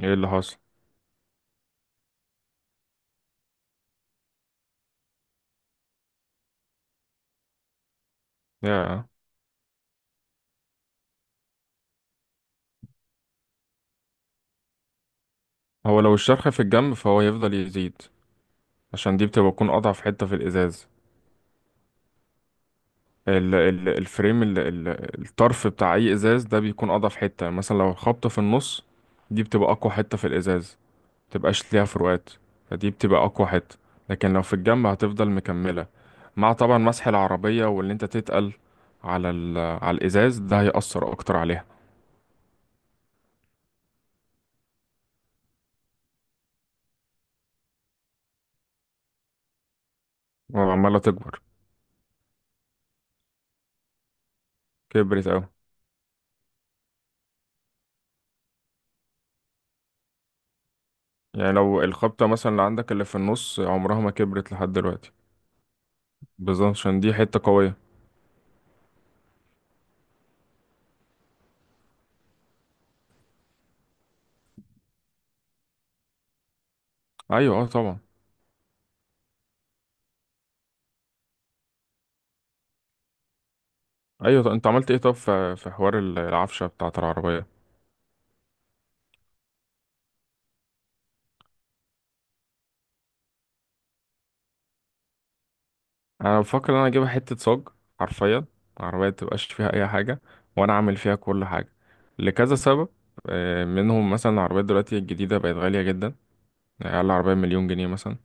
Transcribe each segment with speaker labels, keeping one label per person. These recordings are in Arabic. Speaker 1: ايه اللي حصل؟ يا، هو لو الشرخ في الجنب فهو يفضل يزيد، عشان دي بتبقى تكون اضعف حتة في الازاز. ال ال الفريم ال ال الطرف بتاع اي ازاز ده بيكون اضعف حتة. يعني مثلا لو الخبطة في النص، دي بتبقى اقوى حتة في الازاز، متبقاش ليها فروقات، فدي بتبقى اقوى حتة. لكن لو في الجنب هتفضل مكملة، مع طبعا مسح العربية، واللي انت تتقل على ال على الازاز ده هيأثر اكتر عليها. وعمالة تكبر، كبرت اوي. يعني لو الخبطة مثلا اللي عندك اللي في النص، عمرها ما كبرت لحد دلوقتي، بالظبط عشان دي حتة قوية. أيوة، اه طبعا. أيوة، طب أنت عملت ايه؟ طب في حوار العفشة بتاعة العربية؟ أنا بفكر إن أنا أجيبها حتة صاج، حرفيا، العربية متبقاش فيها أي حاجة، وأنا أعمل فيها كل حاجة لكذا سبب. منهم مثلا العربيات دلوقتي الجديدة بقت غالية جدا، يعني أقل عربية 1000000 جنيه مثلا.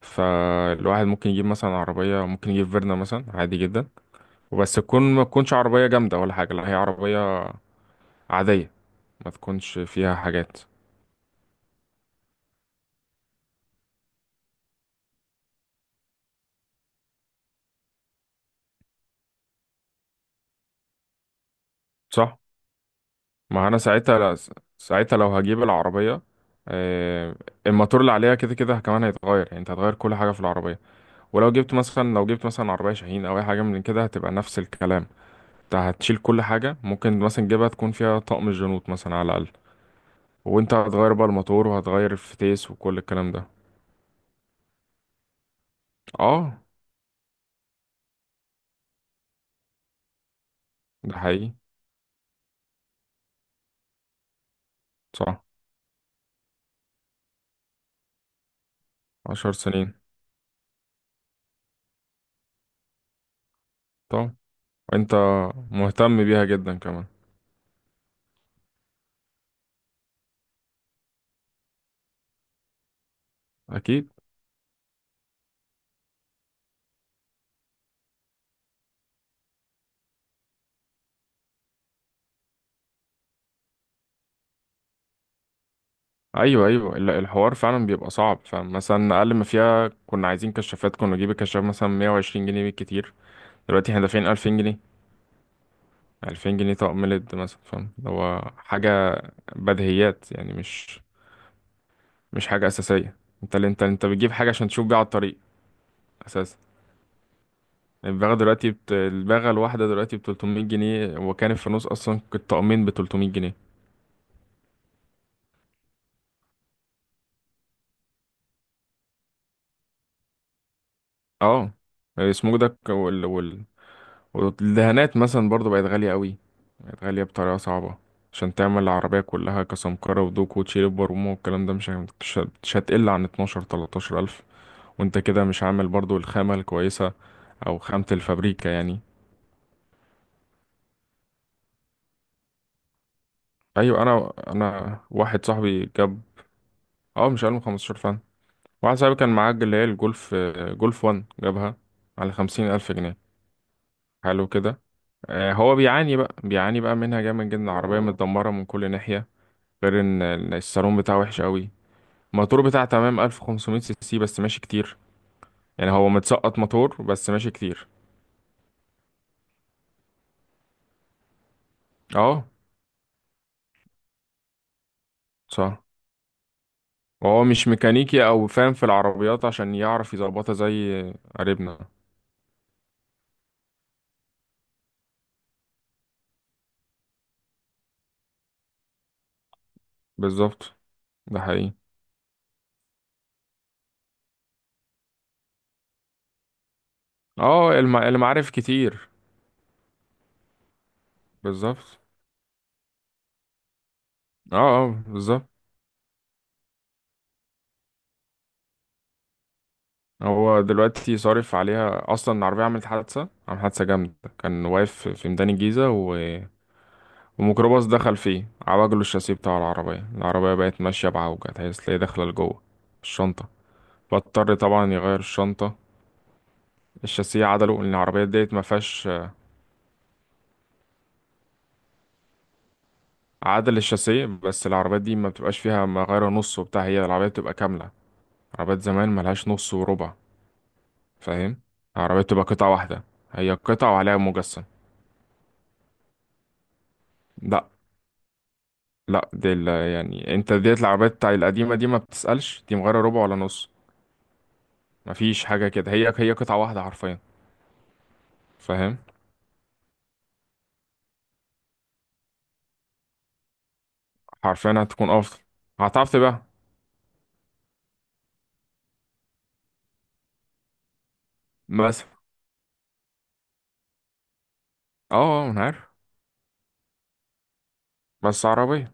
Speaker 1: فالواحد ممكن يجيب مثلا عربية، ممكن يجيب فيرنا مثلا عادي جدا، وبس تكون، ما تكونش عربية جامدة ولا حاجة، لا هي عربية عادية، ما تكونش فيها حاجات. صح. ما انا ساعتها لا س- ساعتها لو هجيب العربيه، آه، الموتور اللي عليها كده كده كمان هيتغير، يعني انت هتغير كل حاجه في العربيه. ولو جبت مثلا، لو جبت مثلا عربيه شاهين او اي حاجه من كده هتبقى نفس الكلام. انت هتشيل كل حاجه، ممكن مثلا تجيبها تكون فيها طقم الجنوط مثلا على الاقل، وانت هتغير بقى الموتور وهتغير الفتيس وكل الكلام ده. اه، ده حقيقي. صح. 10 سنين. طب وانت مهتم بيها جدا كمان. اكيد. ايوه ايوه، الحوار فعلا بيبقى صعب. فمثلا اقل ما فيها، كنا عايزين كشافات، كنا نجيب الكشاف مثلا 120 جنيه بالكتير، دلوقتي احنا دافعين 2000 جنيه. 2000 جنيه طقم ليد مثلا. فاهم اللي هو حاجه بديهيات يعني، مش حاجه اساسيه. انت اللي انت، بتجيب حاجه عشان تشوف بيها على الطريق اساسا. الباغه دلوقتي الباغه الواحده دلوقتي ب 300 جنيه، وكان في النص اصلا الطقمين ب 300 جنيه. اه. السموك ده والدهانات مثلا برضو بقت غالية قوي، بقت غالية بطريقة صعبة. عشان تعمل العربية كلها كسمكرة ودوك وتشيل البرومة والكلام ده، مش هي- مش هت- مش هتقل عن 12 13 ألف، وانت كده مش عامل برضو الخامة الكويسة، أو خامة الفابريكا يعني. أيوة، أنا واحد صاحبي جاب. اه مش أقل من 15 فعلا. واحد صاحبي كان معاه اللي هي الجولف، جولف 1 جابها على 50 ألف جنيه. حلو كده. هو بيعاني بقى، بيعاني بقى منها جامد جدا، العربية متدمرة من كل ناحية. غير ان الصالون بتاعه وحش قوي. الموتور بتاعه تمام 1500 سي سي، بس ماشي كتير. يعني هو متسقط موتور، بس ماشي كتير. اه صح. وهو مش ميكانيكي او فاهم في العربيات عشان يعرف يظبطها زي قريبنا. بالظبط. ده حقيقي. اه، المعارف كتير. بالظبط. اه بالظبط. هو دلوقتي صارف عليها اصلا، العربيه عملت حادثه، عملت حادثه جامده، كان واقف في ميدان الجيزه وميكروباص دخل فيه، عوجله الشاسيه بتاع العربية، العربية بقت ماشية بعوجة، تحس هي داخلة لجوه الشنطة، فاضطر طبعا يغير الشنطة. الشاسيه عدله، لأن العربيات ديت ما فيهاش، عدل الشاسيه بس. العربيات دي ما بتبقاش فيها مغير نص وبتاع، هي العربية بتبقى كاملة. عربيات زمان ملهاش نص وربع، فاهم. العربية بتبقى قطعة واحدة، هي قطعة وعليها مجسم. لا لا، دي يعني انت ديت العربيات بتاع القديمة دي ما بتسألش دي مغيرة ربع ولا نص، مفيش حاجة كده، هي قطعة واحدة حرفيا. فاهم. حرفيا هتكون افضل. هتعرف تبيعها. مثلا. اه. انا عارف. بس عربية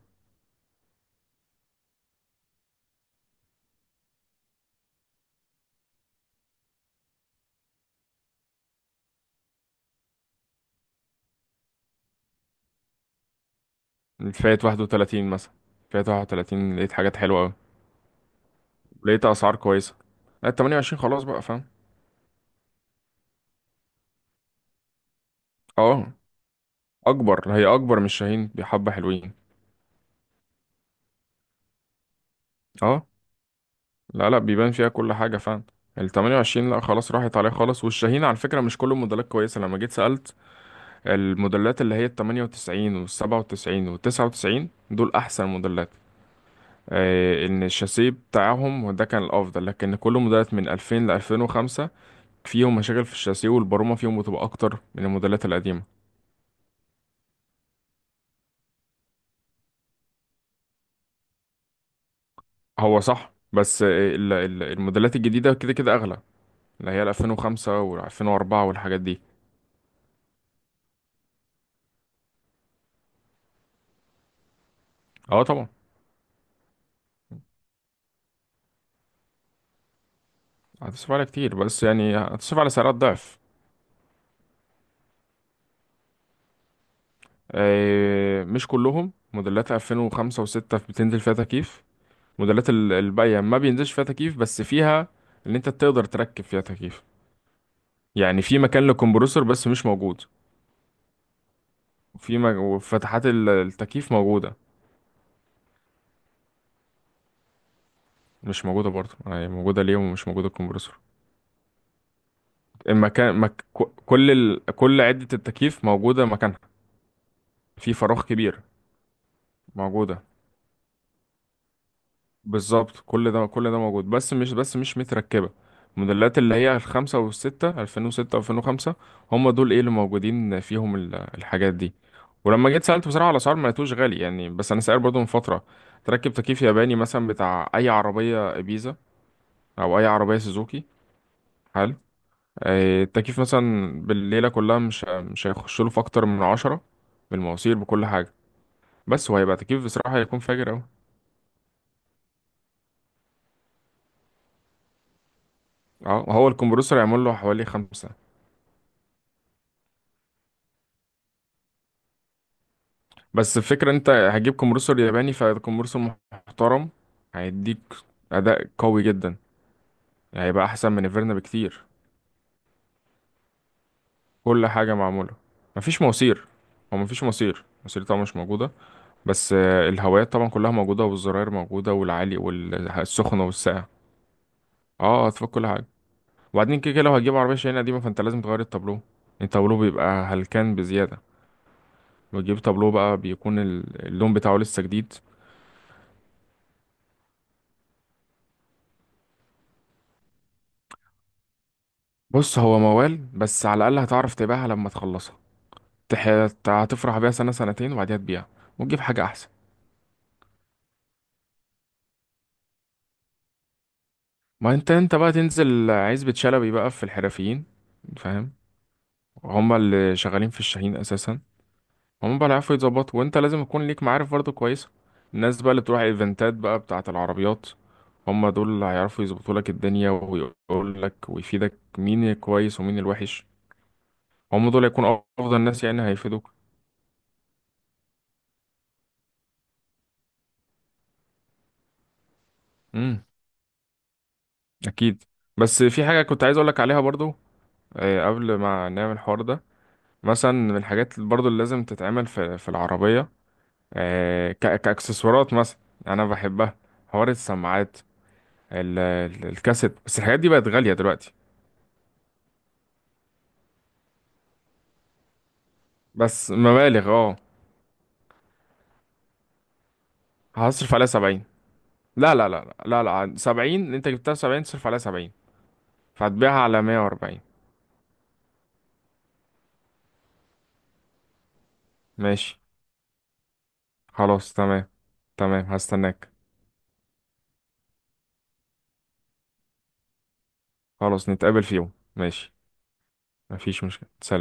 Speaker 1: فئة 31 مثلا. فئة 31 لقيت حاجات حلوة أوي، لقيت أسعار كويسة. لا 28 خلاص بقى، فاهم. اه. آه. أكبر، هي أكبر من الشاهين بحبة حلوين. اه. لا لا، بيبان فيها كل حاجة، فاهم. ال 28 لا، خلاص راحت عليه خالص. والشاهين على فكرة مش كل الموديلات كويسة، لما جيت سألت، الموديلات اللي هي ال 98 وال 97 وال 99، دول أحسن موديلات. ان الشاسيه بتاعهم ده كان الافضل، لكن كل موديلات من 2000 ل 2005 فيهم مشاكل في الشاسيه والبرومه، فيهم بتبقى اكتر من الموديلات القديمه. هو صح، بس الموديلات الجديده كده كده اغلى، اللي هي ال 2005 وال 2004 والحاجات دي. اه طبعا. هتصرف على كتير بس، يعني هتصرف على سعرات ضعف. مش كلهم موديلات 2005 و6 بتنزل فيها تكييف. موديلات الباقيه ما بينزلش فيها تكييف، بس فيها ان انت تقدر تركب فيها تكييف. يعني في مكان للكمبروسر بس مش موجود. وفتحات التكييف موجودة. مش موجودة برضه، يعني موجودة ليه، ومش موجودة الكمبروسر. المكان كل كل عدة التكييف موجودة مكانها، في فراغ كبير، موجودة، بالظبط. كل ده موجود، بس مش متركبة. الموديلات اللي هي الخمسة والستة ألفين، وستة وألفين وخمسة، هم دول ايه اللي موجودين فيهم الحاجات دي. ولما جيت سألت بصراحة على أسعار ما لقيتوش غالي يعني، بس أنا سائل برضه من فترة. تركب تكييف ياباني مثلا بتاع أي عربية إبيزا، أو أي عربية سوزوكي. حلو. التكييف مثلا بالليلة كلها مش هيخش له في أكتر من 10، بالمواسير بكل حاجة. بس هو هيبقى تكييف بصراحة، هيكون فاجر أوي. اه، هو الكمبرسور هيعمل له حوالي 5. بس الفكرة انت هتجيب كومبرسور ياباني، فكومبرسور محترم هيديك اداء قوي جدا، يعني هيبقى احسن من الفيرنا بكتير. كل حاجة معمولة. مفيش مواسير. هو مفيش مواسير، المواسير طبعا مش موجودة، بس الهوايات طبعا كلها موجودة، والزراير موجودة والعالي والسخنة والساقعة. اه، هتفك كل حاجة. وبعدين كده كده لو هتجيب عربية شاحنة قديمة فانت لازم تغير التابلو، التابلو بيبقى هلكان بزيادة، لو جيب تابلو بقى بيكون اللون بتاعه لسه جديد. بص هو موال، بس على الأقل هتعرف تبيعها لما تخلصها. تح... هتفرح بيها سنة سنتين وبعديها تبيعها وتجيب حاجة أحسن. ما انت، بقى تنزل عزبة شلبي بقى في الحرفيين، فاهم. هما اللي شغالين في الشاهين أساسا، هما بقى اللي عارفوا يتظبطوا. وانت لازم يكون ليك معارف برضه كويسة، الناس بقى اللي بتروح ايفنتات بقى بتاعة العربيات، هما دول اللي هيعرفوا يظبطوا لك الدنيا، ويقول لك ويفيدك مين الكويس ومين الوحش. هما دول هيكونوا أفضل ناس، يعني هيفيدوك. امم أكيد. بس في حاجة كنت عايز أقولك عليها برضو، قبل ما نعمل الحوار ده، مثلا من الحاجات برضو اللي لازم تتعمل في العربية، كأكسسوارات مثلا، أنا بحبها، حوار السماعات، الكاسيت. بس الحاجات دي بقت غالية دلوقتي. بس مبالغ. اه هصرف عليها 70. لا، 70 انت جبتها، 70 تصرف عليها. 70 فهتبيعها على 140. ماشي. خلاص تمام. تمام، هستناك. خلاص نتقابل في يوم، ماشي. مفيش مشكلة، سلام.